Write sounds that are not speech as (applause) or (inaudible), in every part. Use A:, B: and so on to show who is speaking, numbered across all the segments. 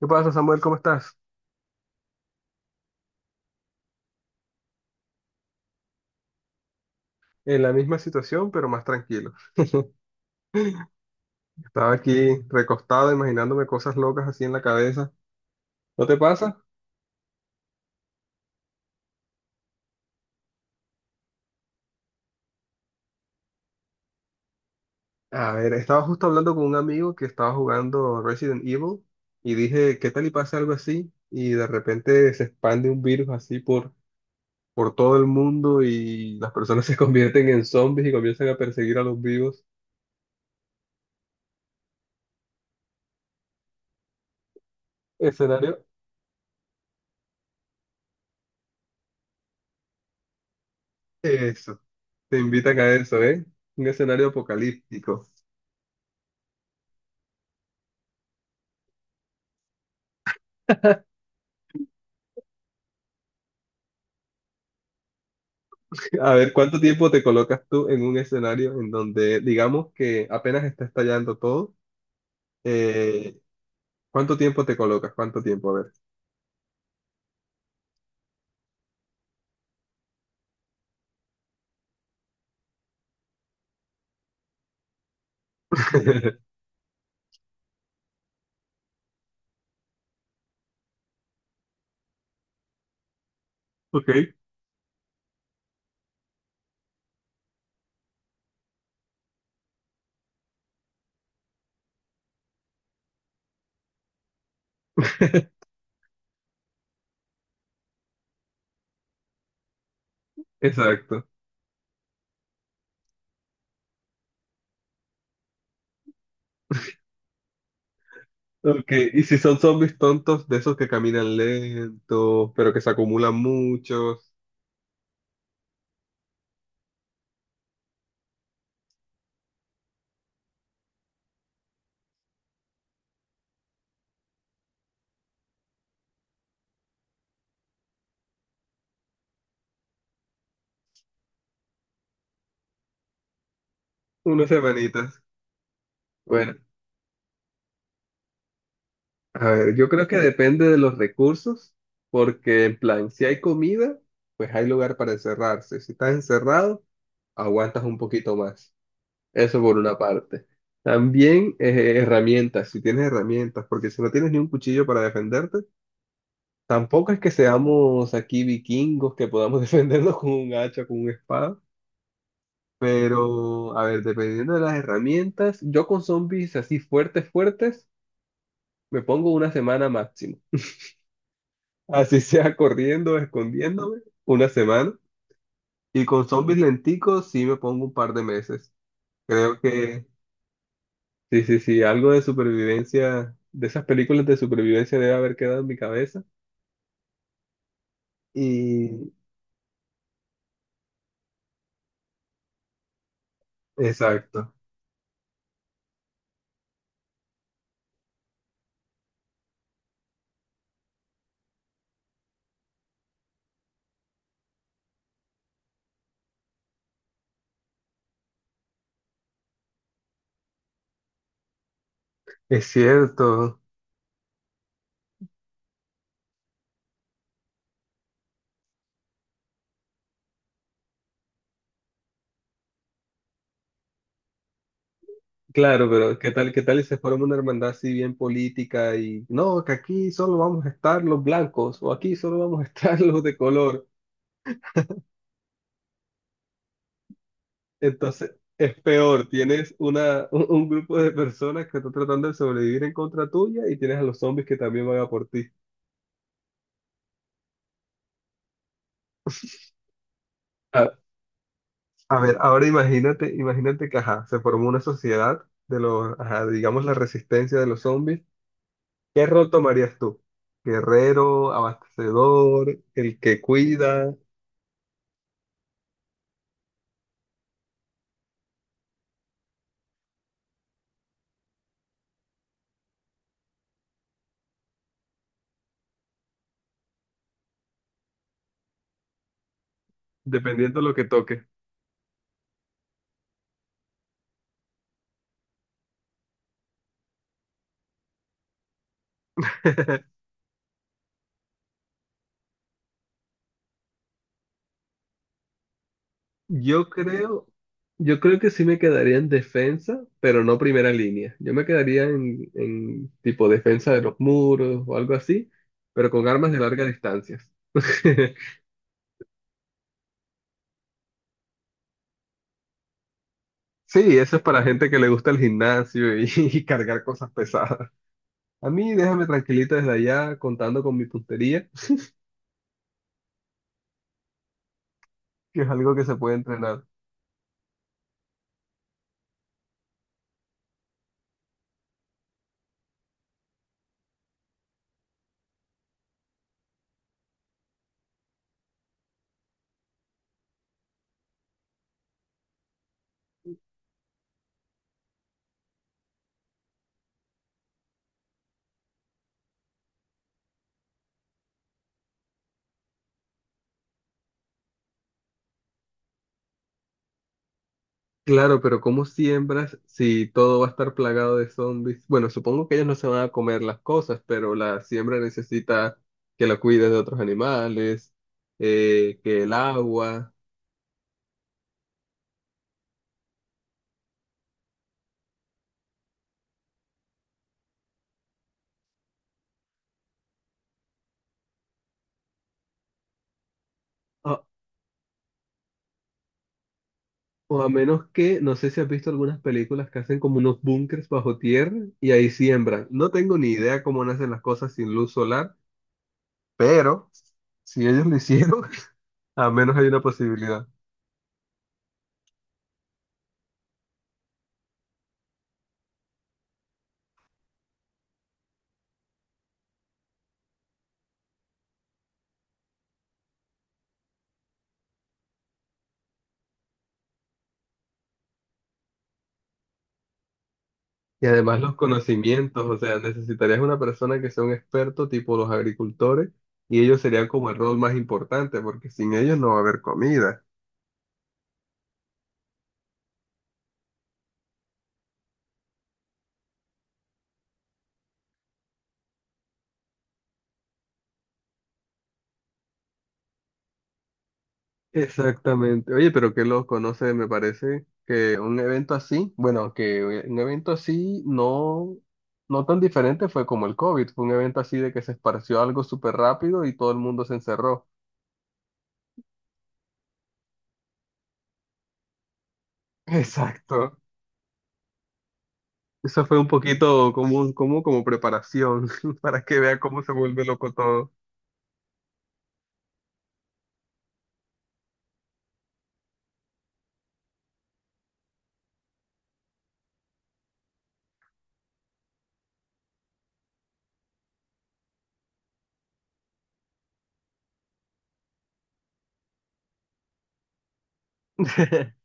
A: ¿Qué pasa, Samuel? ¿Cómo estás? En la misma situación, pero más tranquilo. Estaba aquí recostado, imaginándome cosas locas así en la cabeza. ¿No te pasa? A ver, estaba justo hablando con un amigo que estaba jugando Resident Evil y dije, ¿qué tal y pasa algo así? Y de repente se expande un virus así por todo el mundo y las personas (laughs) se convierten en zombies y comienzan a perseguir a los vivos. Escenario, eso. Te invitan a eso, ¿eh? Un escenario apocalíptico. (laughs) A ver, ¿cuánto tiempo te colocas tú en un escenario en donde digamos que apenas está estallando todo? Eh, ¿Cuánto tiempo te colocas? ¿Cuánto tiempo? A ver. (laughs) Ok, exacto. Ok, y si son zombies tontos, de esos que caminan lentos, pero que se acumulan muchos, unas semanitas. Bueno, a ver, yo creo que depende de los recursos, porque en plan, si hay comida, pues hay lugar para encerrarse. Si estás encerrado, aguantas un poquito más. Eso por una parte. También herramientas, si tienes herramientas, porque si no tienes ni un cuchillo para defenderte, tampoco es que seamos aquí vikingos que podamos (laughs) defendernos con un hacha, con una espada. Pero, a ver, dependiendo de las herramientas, yo con zombies así fuertes, fuertes, me pongo una semana máximo. Así (laughs) sea corriendo, escondiéndome, una semana. Y con zombies lenticos sí me pongo un par de meses. Creo que sí, sí, sí, algo de supervivencia, de esas películas de supervivencia debe haber quedado en mi cabeza. Y exacto, es cierto. Claro, pero qué tal si se forma una hermandad así bien política y no, que aquí solo vamos a estar los blancos o aquí solo vamos a estar (laughs) los de color? Entonces es peor, tienes un grupo de personas que están tratando de sobrevivir en contra tuya y tienes a los zombies que también van a por ti. A ver, ahora imagínate que, ajá, se formó una sociedad de los, ajá, digamos, la resistencia de los zombies. ¿Qué rol tomarías tú? Guerrero, abastecedor, el que cuida, dependiendo de lo que toque. (laughs) Yo creo, yo creo que sí me quedaría en defensa, pero no primera línea. Yo me quedaría en tipo defensa de los muros o algo así, pero con armas de larga distancia. (laughs) Sí, eso es para gente que le gusta el gimnasio y (laughs) y cargar cosas pesadas. A mí déjame tranquilito desde allá contando con mi puntería, (laughs) que es algo que se puede entrenar. Claro, pero ¿cómo siembras si todo va a estar plagado de zombies? Bueno, supongo que ellos no se van a comer las cosas, pero la siembra necesita que la cuides de otros animales, que el agua, o o a menos que, no sé si has visto algunas películas que hacen como unos búnkers bajo tierra y ahí siembran. No tengo ni idea cómo nacen las cosas sin luz solar, pero si ellos lo hicieron, (laughs) al menos hay una posibilidad. Y además los conocimientos, o sea, necesitarías una persona que sea un experto tipo los agricultores y ellos serían como el rol más importante porque sin ellos no va a haber comida. Exactamente. Oye, pero que los conoce, me parece que un evento así, bueno, que un evento así no, no tan diferente fue como el COVID, fue un evento así de que se esparció algo súper rápido y todo el mundo se encerró. Exacto. Eso fue un poquito como preparación (laughs) para que vea cómo se vuelve loco todo. (laughs)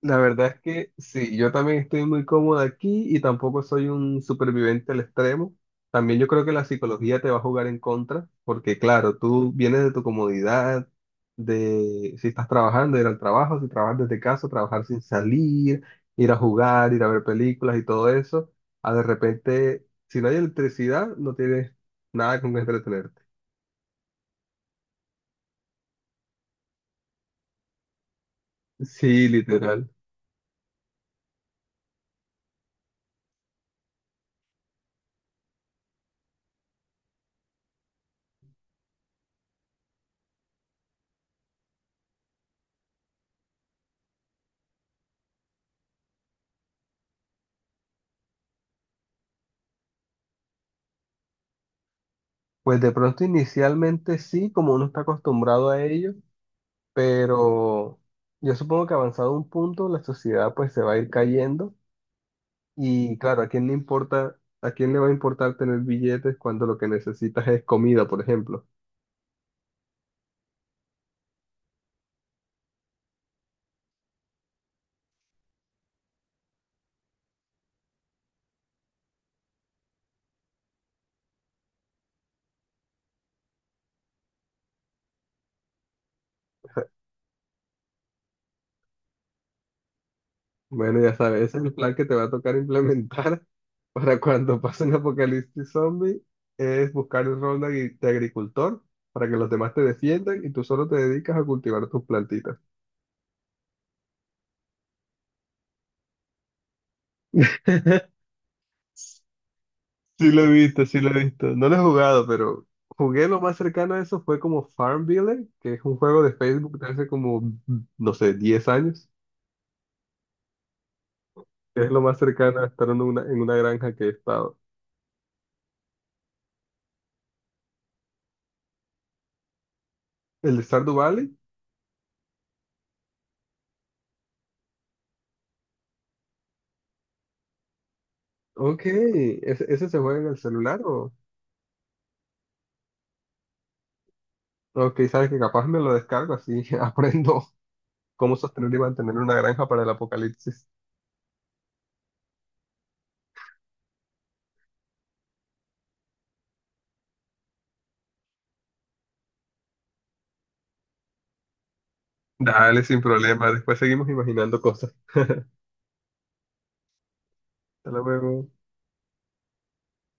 A: La verdad es que sí, yo también estoy muy cómoda aquí y tampoco soy un superviviente al extremo. También yo creo que la psicología te va a jugar en contra, porque claro, tú vienes de tu comodidad, de si estás trabajando, ir al trabajo, si trabajas desde casa, trabajar sin salir, ir a jugar, ir a ver películas y todo eso, a de repente, si no hay electricidad, no tienes nada con que entretenerte. Sí, literal. Pues de pronto inicialmente sí, como uno está acostumbrado a ello, pero yo supongo que avanzado un punto la sociedad pues se va a ir cayendo y claro, ¿a quién le importa, a quién le va a importar tener billetes cuando lo que necesitas es comida, por ejemplo? Bueno, ya sabes, ese es el plan que te va a tocar implementar (laughs) para cuando pase un apocalipsis zombie, es buscar el rol de de agricultor para que los demás te defiendan y tú solo te dedicas a cultivar tus plantitas. (laughs) Sí lo he visto, sí lo he visto. No lo he jugado, pero jugué lo más cercano a eso fue como Farmville, que es un juego de Facebook de hace como, no sé, 10 años. Es lo más cercano a estar en una granja que he estado. ¿El de Stardew Valley? Ok, ¿ese, ese se juega en el celular o...? Ok, sabes que capaz me lo descargo así, (laughs) aprendo cómo sostener y mantener una granja para el apocalipsis. Dale, sin problema, después seguimos imaginando cosas. Hasta luego.